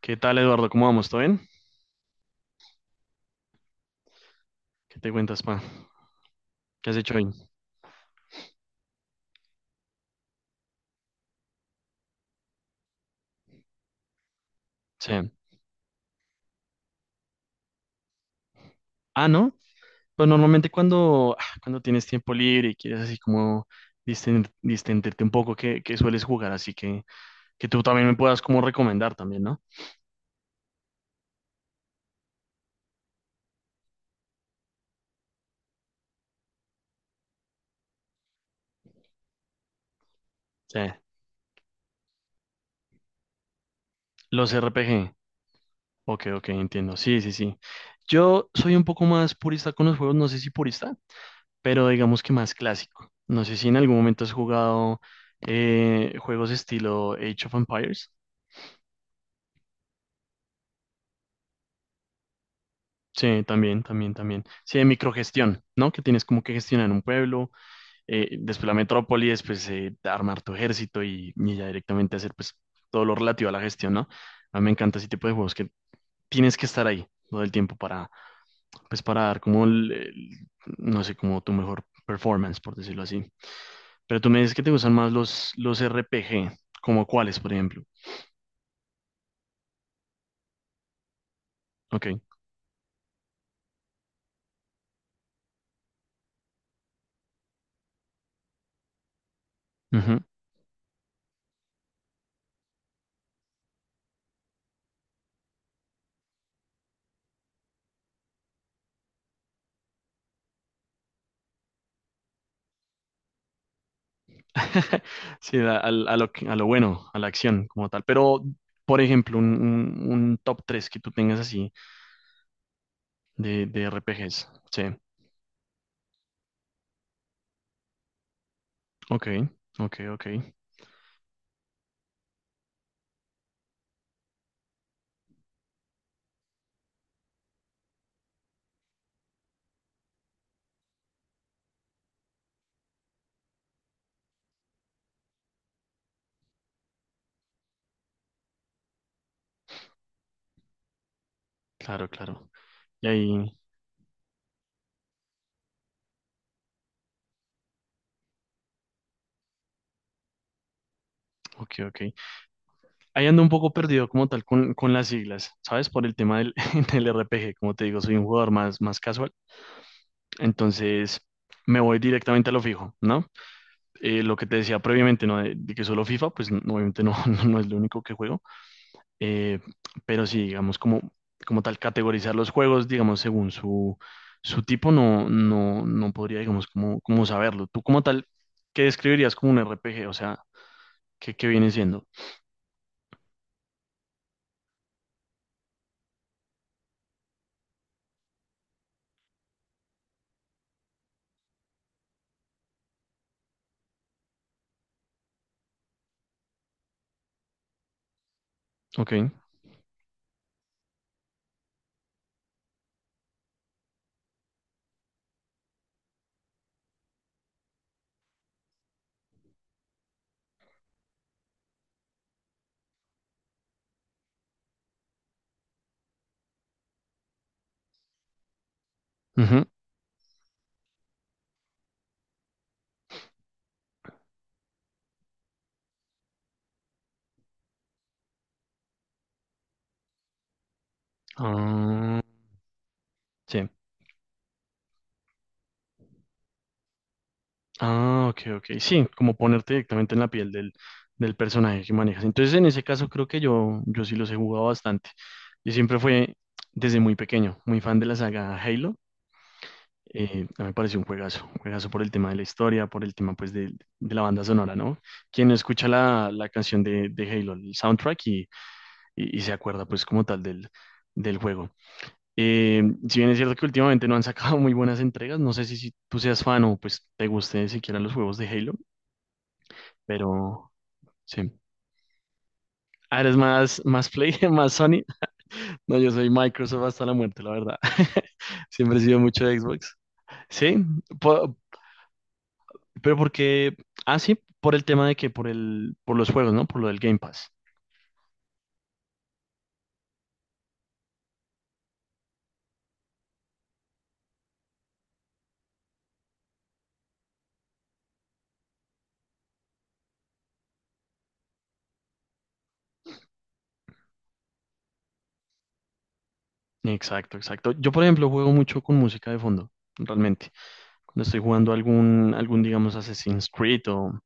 ¿Qué tal, Eduardo? ¿Cómo vamos? ¿Todo bien? ¿Qué te cuentas, pa? ¿Qué has hecho hoy? Sí. Ah, ¿no? Pues normalmente cuando tienes tiempo libre y quieres así como distenderte un poco, ¿qué sueles jugar? Así que tú también me puedas como recomendar también, ¿no? Sí. Los RPG. Ok, ok, entiendo. Sí, sí, sí. Yo soy un poco más purista con los juegos, no sé si purista, pero digamos que más clásico. No sé si en algún momento has jugado juegos estilo Age of Empires. Sí, también, también, también. Sí, de microgestión, ¿no? Que tienes como que gestionar un pueblo, después la metrópoli, después armar tu ejército y ya directamente hacer pues todo lo relativo a la gestión, ¿no? A mí me encanta ese tipo de juegos que tienes que estar ahí todo el tiempo pues para dar como no sé, como tu mejor performance, por decirlo así. Pero tú me dices que te gustan más los RPG, como cuáles, por ejemplo. Ok. Sí, a, al- a lo, que- a lo bueno, a la acción como tal. Pero, por ejemplo, un top 3 que tú tengas así de RPGs. Sí, ok, ok, ok. Claro, claro. Y ahí, ok, ok. Ahí ando un poco perdido como tal con las siglas, ¿sabes? Por el tema del, del RPG. Como te digo, soy un jugador más casual. Entonces, me voy directamente a lo fijo, ¿no? Lo que te decía previamente, ¿no? De que solo FIFA, pues no, obviamente no, no es lo único que juego. Eh, pero sí, digamos, como tal, categorizar los juegos, digamos, según su tipo, no, no, no podría, digamos, como saberlo. Tú como tal, ¿qué describirías como un RPG? O sea, ¿qué viene siendo? Ok. Ujú. Ah, sí. Ah, ok, ok. Sí, como ponerte directamente en la piel del personaje que manejas. Entonces, en ese caso, creo que yo sí los he jugado bastante. Yo siempre fue, desde muy pequeño, muy fan de la saga Halo. A mí me pareció un juegazo por el tema de la historia, por el tema pues de la banda sonora, ¿no? Quien no escucha la canción de Halo, el soundtrack y se acuerda pues como tal del juego. Si bien es cierto que últimamente no han sacado muy buenas entregas, no sé si tú seas fan o pues te guste siquiera los juegos de Halo, pero sí. Ah, eres más Play, más Sony. No, yo soy Microsoft hasta la muerte, la verdad. Siempre he sido mucho de Xbox. Sí, po- por, Pero porque, sí, por el tema de que, por los juegos, ¿no? Por lo del Game Pass. Exacto, exacto. Yo, por ejemplo, juego mucho con música de fondo, realmente. Cuando estoy jugando algún, digamos, Assassin's Creed o,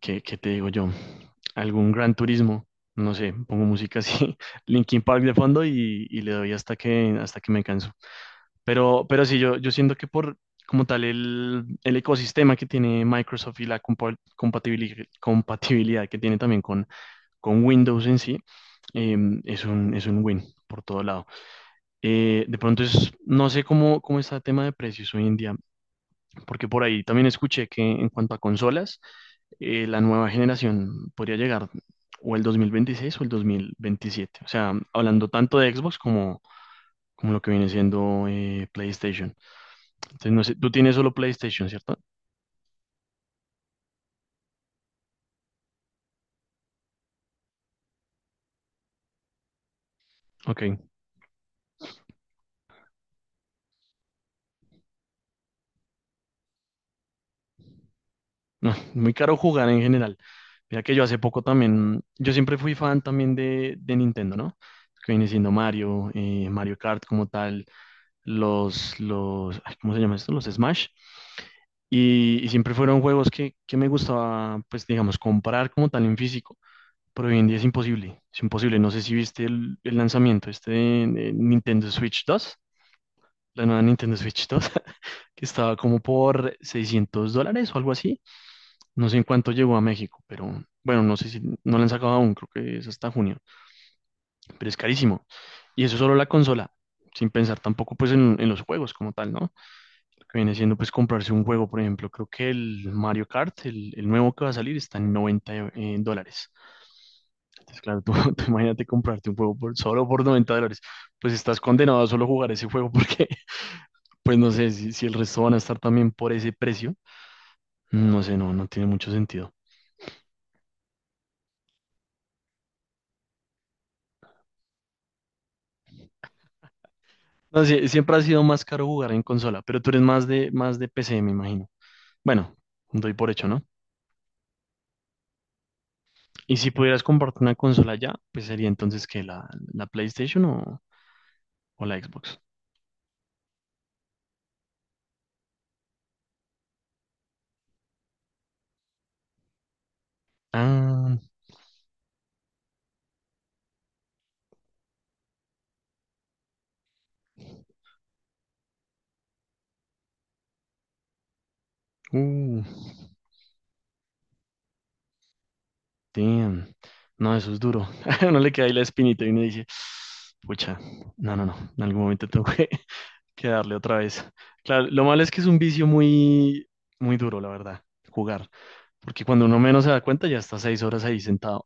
¿qué te digo yo? Algún Gran Turismo, no sé, pongo música así, Linkin Park de fondo y le doy hasta que me canso. Pero sí, yo siento que como tal, el ecosistema que tiene Microsoft y la compatibilidad que tiene también con Windows en sí, eh, es un win por todo lado. De pronto es, no sé cómo está el tema de precios hoy en día, porque por ahí también escuché que en cuanto a consolas, la nueva generación podría llegar o el 2026 o el 2027. O sea, hablando tanto de Xbox como lo que viene siendo PlayStation. Entonces, no sé, tú tienes solo PlayStation, ¿cierto? Ok. No, muy caro jugar en general. Mira que yo hace poco también, yo siempre fui fan también de Nintendo, ¿no? Que viene siendo Mario, Mario Kart como tal, los, ay, ¿cómo se llama esto? Los Smash. Y siempre fueron juegos que me gustaba, pues digamos, comprar como tal en físico. Pero hoy en día es imposible, es imposible. No sé si viste el lanzamiento este de Nintendo Switch dos la nueva Nintendo Switch dos que estaba como por $600 o algo así. No sé en cuánto llegó a México, pero bueno, no sé si no la han sacado aún, creo que es hasta junio, pero es carísimo. Y eso solo la consola, sin pensar tampoco pues en los juegos como tal, ¿no? Lo que viene siendo pues comprarse un juego, por ejemplo, creo que el Mario Kart, el nuevo que va a salir, está en 90 dólares. Entonces, claro, tú, tú imagínate comprarte un juego solo por $90, pues estás condenado a solo jugar ese juego porque, pues no sé, si el resto van a estar también por ese precio, no sé, no, no tiene mucho sentido. No, sí, siempre ha sido más caro jugar en consola, pero tú eres más de PC, me imagino. Bueno, doy por hecho, ¿no? Y si pudieras comprarte una consola ya, pues sería entonces que la PlayStation o la Xbox. Ah, uh, damn. No, eso es duro. No le queda ahí la espinita y uno dice, pucha, no, no, no, en algún momento tengo que, que darle otra vez. Claro, lo malo es que es un vicio muy, muy duro, la verdad, jugar. Porque cuando uno menos se da cuenta, ya está 6 horas ahí sentado.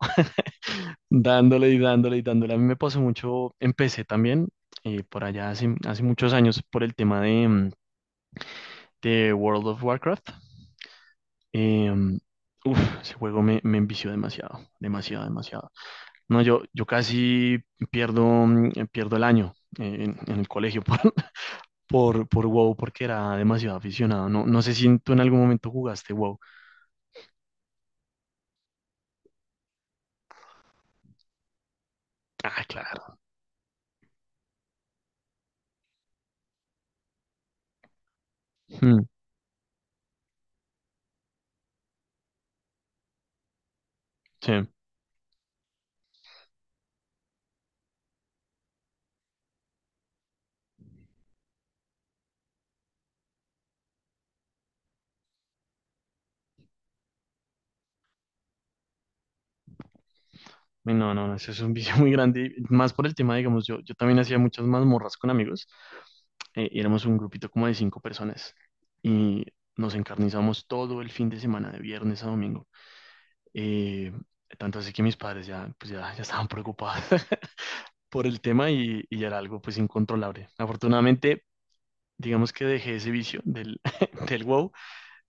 Dándole y dándole y dándole. A mí me pasó mucho, empecé también por allá hace muchos años por el tema de World of Warcraft. Eh, Uf, ese juego me envició demasiado, demasiado, demasiado. No, yo casi pierdo el año en el colegio por, por WoW porque era demasiado aficionado. No, no sé si tú en algún momento jugaste WoW. Ah, claro. Mm, sí. No, no, no, eso es un vicio muy grande. Más por el tema, digamos, yo también hacía muchas mazmorras con amigos. Y éramos un grupito como de cinco personas. Y nos encarnizamos todo el fin de semana, de viernes a domingo. Eh, Tanto así que mis padres pues ya estaban preocupados por el tema y ya era algo pues incontrolable. Afortunadamente, digamos que dejé ese vicio del, del wow.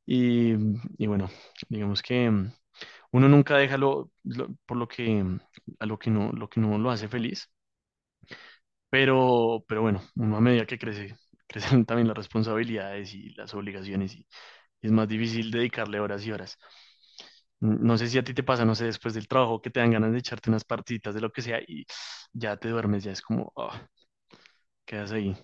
Y, y bueno, digamos que uno nunca deja por lo que, a lo que no, lo que no lo hace feliz. Pero bueno, uno a medida que crece, crecen también las responsabilidades y las obligaciones y es más difícil dedicarle horas y horas. No sé si a ti te pasa, no sé, después del trabajo que te dan ganas de echarte unas partiditas de lo que sea y ya te duermes, ya es como, quedas ahí.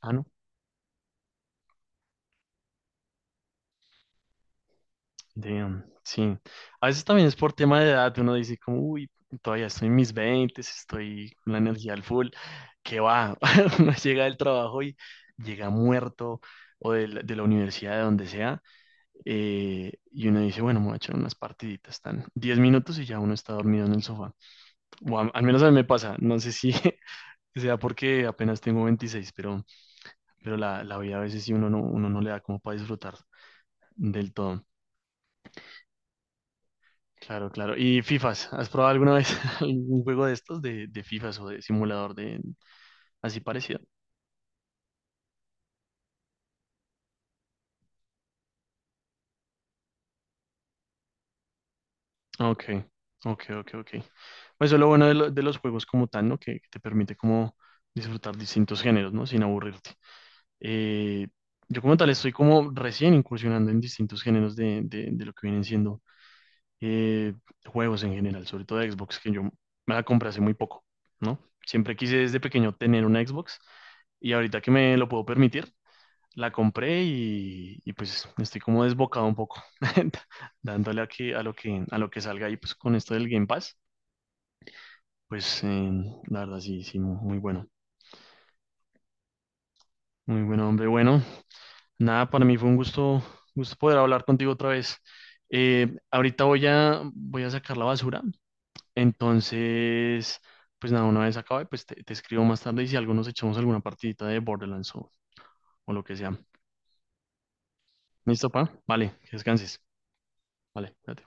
Ah, no. Damn, sí. A veces también es por tema de edad, uno dice como, uy, todavía estoy en mis 20 estoy con la energía al full, que va, uno llega del trabajo y llega muerto o de la universidad, de donde sea, y uno dice, bueno, me voy a echar unas partiditas, están 10 minutos y ya uno está dormido en el sofá. O al menos a mí me pasa, no sé si sea porque apenas tengo 26 pero, pero la vida a veces sí uno no le da como para disfrutar del todo. Claro, claro. ¿Y FIFAs? ¿Has probado alguna vez algún juego de estos de FIFAs o de simulador de así parecido? Ok, ok, ok, ok. Pues eso es lo bueno de los juegos como tal, ¿no? Que te permite como disfrutar distintos géneros, ¿no? Sin aburrirte. Eh, yo como tal estoy como recién incursionando en distintos géneros de lo que vienen siendo eh, juegos en general, sobre todo de Xbox, que yo me la compré hace muy poco, ¿no? Siempre quise desde pequeño tener una Xbox y ahorita que me lo puedo permitir, la compré y pues estoy como desbocado un poco, dándole aquí a lo que, salga y pues con esto del Game Pass, pues la verdad sí, sí, muy bueno. Muy bueno, hombre. Bueno, nada, para mí fue un gusto poder hablar contigo otra vez. Ahorita voy a sacar la basura, entonces, pues nada, una vez acabe, pues te escribo más tarde y si algo nos echamos alguna partidita de Borderlands o lo que sea. ¿Listo, pa? Vale, que descanses. Vale, cuídate.